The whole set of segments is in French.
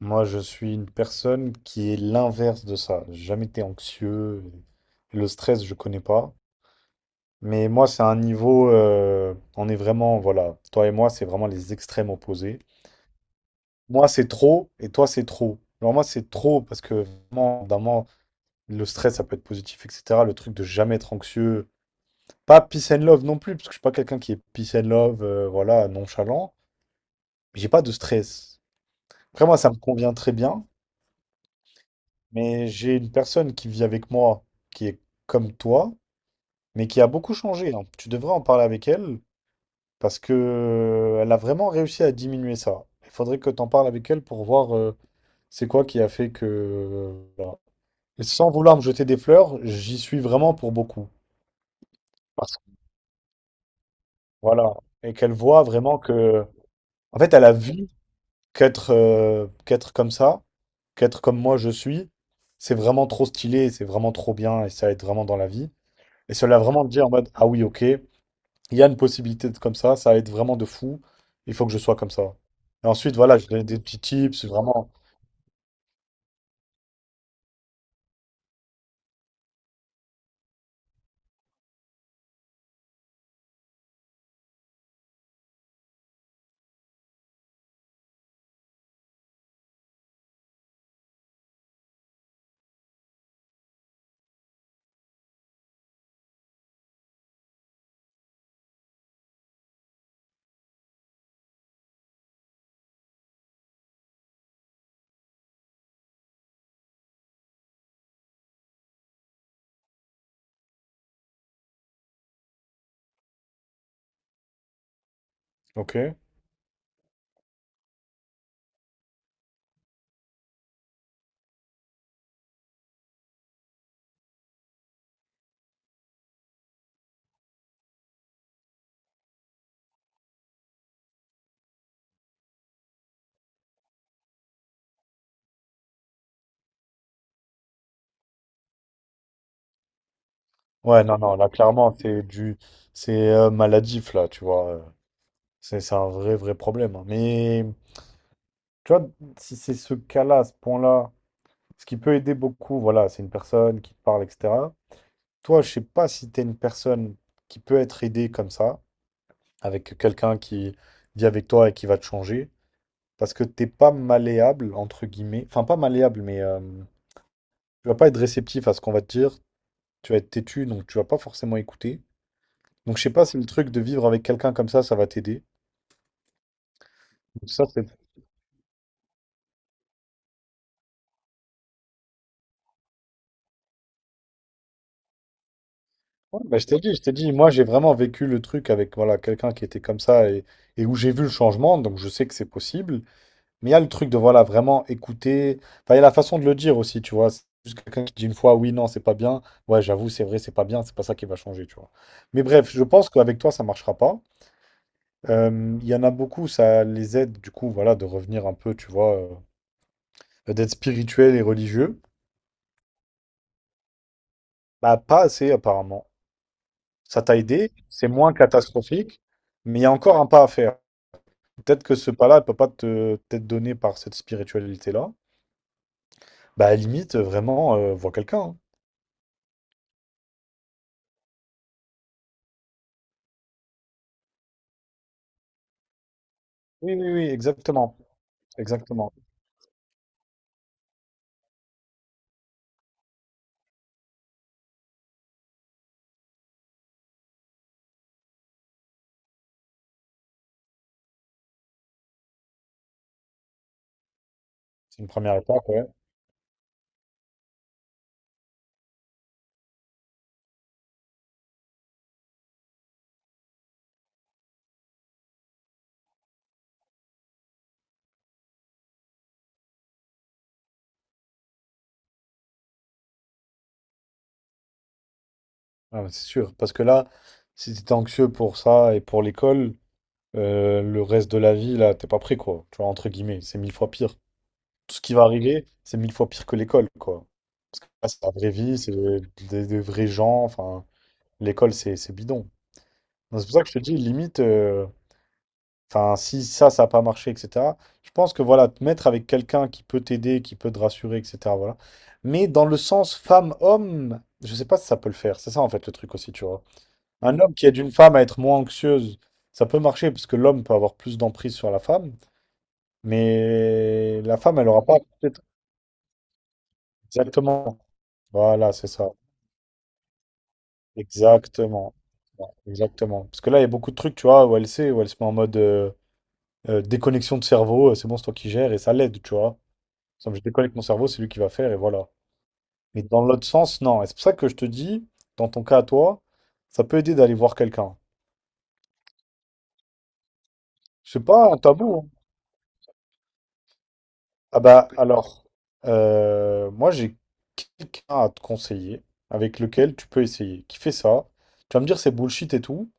Moi, je suis une personne qui est l'inverse de ça. J'ai jamais été anxieux, et le stress, je connais pas. Mais moi, c'est un niveau, on est vraiment, voilà. Toi et moi, c'est vraiment les extrêmes opposés. Moi, c'est trop et toi, c'est trop. Alors moi, c'est trop parce que vraiment, d'un moment, le stress, ça peut être positif, etc. Le truc de jamais être anxieux. Pas peace and love non plus, parce que je suis pas quelqu'un qui est peace and love, voilà, nonchalant. J'ai pas de stress. Après, moi, ça me convient très bien. Mais j'ai une personne qui vit avec moi, qui est comme toi, mais qui a beaucoup changé, hein. Tu devrais en parler avec elle, parce que elle a vraiment réussi à diminuer ça. Il faudrait que tu en parles avec elle pour voir, c'est quoi qui a fait que, voilà. Et sans vouloir me jeter des fleurs, j'y suis vraiment pour beaucoup. Parce que, voilà. Et qu'elle voit vraiment que. En fait, elle a vu qu'être, qu'être comme ça, qu'être comme moi je suis, c'est vraiment trop stylé, c'est vraiment trop bien et ça aide vraiment dans la vie. Et cela vraiment te dire en mode, ah oui, ok, il y a une possibilité de comme ça va être vraiment de fou, il faut que je sois comme ça. Et ensuite, voilà, je donne des petits tips, vraiment. Ok. Ouais, non, non, là, clairement, c'est maladif, là, tu vois. C'est un vrai, vrai problème, hein. Mais, tu vois, si c'est ce cas-là, ce point-là, ce qui peut aider beaucoup, voilà, c'est une personne qui te parle, etc. Toi, je sais pas si tu es une personne qui peut être aidée comme ça, avec quelqu'un qui vit avec toi et qui va te changer. Parce que t'es pas malléable, entre guillemets. Enfin, pas malléable, mais tu vas pas être réceptif à ce qu'on va te dire. Tu vas être têtu, donc tu vas pas forcément écouter. Donc, je sais pas si le truc de vivre avec quelqu'un comme ça va t'aider. Donc, ça, c'est. Ouais, bah, moi, j'ai vraiment vécu le truc avec, voilà, quelqu'un qui était comme ça, et où j'ai vu le changement, donc je sais que c'est possible. Mais il y a le truc de, voilà, vraiment écouter. Enfin, il y a la façon de le dire aussi, tu vois. C'est juste quelqu'un qui dit une fois, oui, non, c'est pas bien. Ouais, j'avoue, c'est vrai, c'est pas bien, c'est pas ça qui va changer, tu vois. Mais bref, je pense qu'avec toi, ça marchera pas. Il y en a beaucoup, ça les aide du coup, voilà, de revenir un peu, tu vois, d'être spirituel et religieux. Bah, pas assez apparemment. Ça t'a aidé, c'est moins catastrophique, mais il y a encore un pas à faire. Peut-être que ce pas-là, il peut pas te t'être donné par cette spiritualité-là. Bah, à la limite, vraiment, vois quelqu'un, hein. Oui, oui, oui, exactement. Exactement. C'est une première étape, ouais. Ah, mais c'est sûr. Parce que là, si t'es anxieux pour ça et pour l'école, le reste de la vie, là, t'es pas prêt, quoi. Tu vois, entre guillemets, c'est mille fois pire. Tout ce qui va arriver, c'est mille fois pire que l'école, quoi. Là, c'est la vraie vie, c'est des vrais gens. Enfin, l'école, c'est bidon. Donc, c'est pour ça que je te dis, limite, enfin, si ça, ça n'a pas marché, etc. Je pense que, voilà, te mettre avec quelqu'un qui peut t'aider, qui peut te rassurer, etc. Voilà. Mais dans le sens femme-homme, je sais pas si ça peut le faire. C'est ça, en fait, le truc aussi, tu vois. Un homme qui aide une femme à être moins anxieuse, ça peut marcher parce que l'homme peut avoir plus d'emprise sur la femme, mais la femme, elle aura pas peut-être exactement. Voilà, c'est ça. Exactement. Ouais, exactement. Parce que là, il y a beaucoup de trucs, tu vois, où elle sait, où elle se met en mode, déconnexion de cerveau, c'est bon, c'est toi qui gères, et ça l'aide, tu vois. Ça, je déconnecte mon cerveau, c'est lui qui va faire, et voilà. Mais dans l'autre sens, non. Et c'est pour ça que je te dis, dans ton cas à toi, ça peut aider d'aller voir quelqu'un. C'est pas un tabou, hein. Ah bah, alors, moi, j'ai quelqu'un à te conseiller, avec lequel tu peux essayer, qui fait ça. Tu vas me dire, c'est bullshit et tout.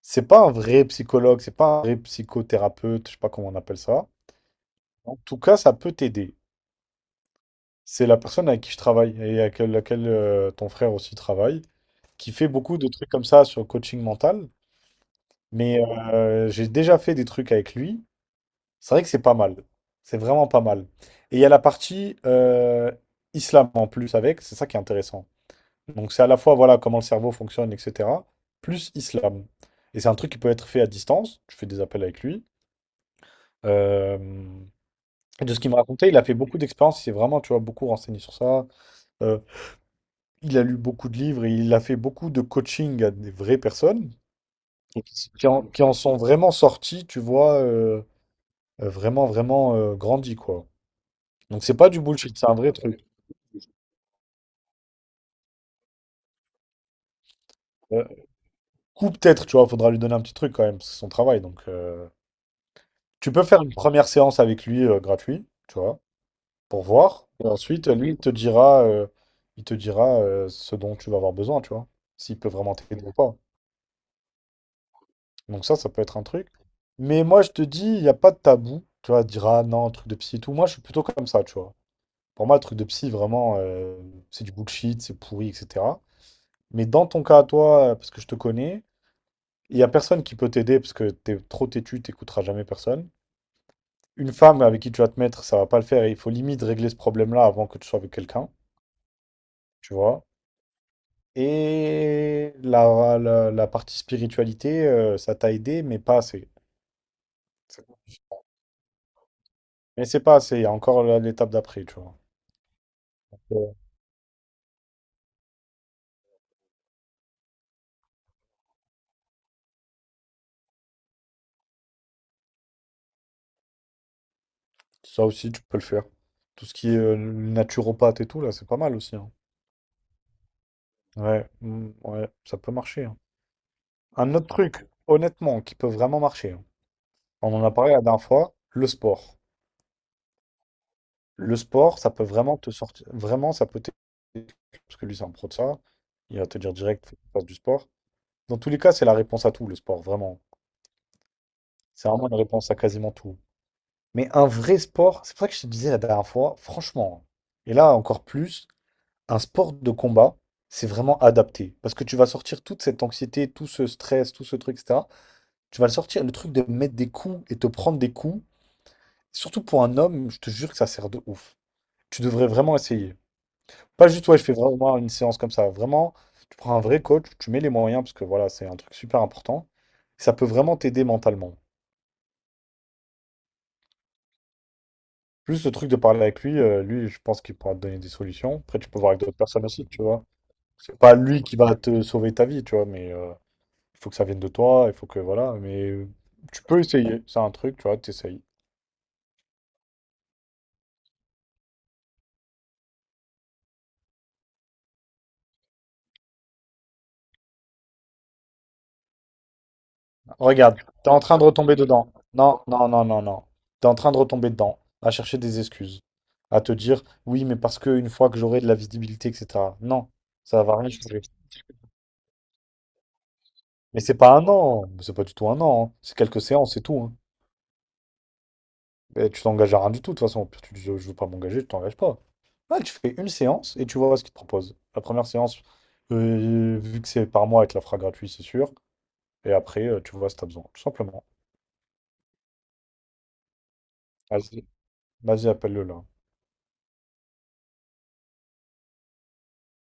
C'est pas un vrai psychologue, c'est pas un vrai psychothérapeute, je sais pas comment on appelle ça. En tout cas, ça peut t'aider. C'est la personne avec qui je travaille et avec laquelle ton frère aussi travaille, qui fait beaucoup de trucs comme ça sur le coaching mental. Mais j'ai déjà fait des trucs avec lui. C'est vrai que c'est pas mal. C'est vraiment pas mal. Et il y a la partie, islam en plus avec, c'est ça qui est intéressant. Donc c'est à la fois, voilà, comment le cerveau fonctionne, etc. Plus islam. Et c'est un truc qui peut être fait à distance. Tu fais des appels avec lui. Euh, de ce qu'il me racontait, il a fait beaucoup d'expériences, il s'est vraiment, tu vois, beaucoup renseigné sur ça. Euh, il a lu beaucoup de livres et il a fait beaucoup de coaching à des vraies personnes et qui en sont vraiment sorties, tu vois, vraiment, vraiment, grandies, quoi. Donc c'est pas du bullshit, c'est un vrai truc. Euh, Coup, peut-être, tu vois, faudra lui donner un petit truc quand même, parce que c'est son travail. Donc tu peux faire une première séance avec lui, gratuit, tu vois. Pour voir. Et ensuite, lui, il te dira ce dont tu vas avoir besoin, tu vois, s'il peut vraiment t'aider ou pas. Donc ça peut être un truc. Mais moi, je te dis, il n'y a pas de tabou. Tu vois, dire ah non, truc de psy et tout. Moi, je suis plutôt comme ça, tu vois. Pour moi, le truc de psy, vraiment, c'est du bullshit, c'est pourri, etc. Mais dans ton cas à toi, parce que je te connais, il n'y a personne qui peut t'aider parce que t'es trop têtu, t'écouteras jamais personne. Une femme avec qui tu vas te mettre, ça va pas le faire et il faut limite régler ce problème-là avant que tu sois avec quelqu'un, tu vois. Et la partie spiritualité, ça t'a aidé, mais pas assez. C'est. Mais c'est pas assez, il y a encore l'étape d'après, tu vois. Ouais. Ça aussi, tu peux le faire. Tout ce qui est naturopathe et tout, là, c'est pas mal aussi, hein. Ouais, mm, ouais, ça peut marcher, hein. Un autre truc, honnêtement, qui peut vraiment marcher, hein. On en a parlé la dernière fois, le sport. Le sport, ça peut vraiment te sortir. Vraiment, ça peut t'aider. Parce que lui, c'est un pro de ça. Il va te dire direct, fais du sport. Dans tous les cas, c'est la réponse à tout, le sport, vraiment. C'est vraiment une réponse à quasiment tout. Mais un vrai sport, c'est pour ça que je te disais la dernière fois, franchement, et là encore plus, un sport de combat, c'est vraiment adapté. Parce que tu vas sortir toute cette anxiété, tout ce stress, tout ce truc, etc. Tu vas le sortir, le truc de mettre des coups et te prendre des coups, surtout pour un homme, je te jure que ça sert de ouf. Tu devrais vraiment essayer. Pas juste, ouais, je fais vraiment une séance comme ça. Vraiment, tu prends un vrai coach, tu mets les moyens, parce que voilà, c'est un truc super important. Ça peut vraiment t'aider mentalement. Juste le truc de parler avec lui, lui, je pense qu'il pourra te donner des solutions. Après, tu peux voir avec d'autres personnes aussi, tu vois. C'est pas lui qui va te sauver ta vie, tu vois, mais il faut que ça vienne de toi, il faut que, voilà, mais tu peux essayer. C'est un truc, tu vois, t'essayes. Regarde, t'es en train de retomber dedans. Non, non, non, non, non. T'es en train de retomber dedans, à chercher des excuses, à te dire, oui, mais parce que une fois que j'aurai de la visibilité, etc. Non, ça va rien changer. Mais c'est pas un an, c'est pas du tout un an, hein. C'est quelques séances, c'est tout, hein. Et tu t'engages à rien du tout, de toute façon. Au pire, tu dis, je veux pas m'engager, tu t'engages pas. Là, tu fais une séance et tu vois ce qu'ils te proposent. La première séance, vu que c'est par mois, elle te la fera gratuit, c'est sûr. Et après, tu vois si t'as besoin, tout simplement. Vas-y, vas-y, appelle-le là.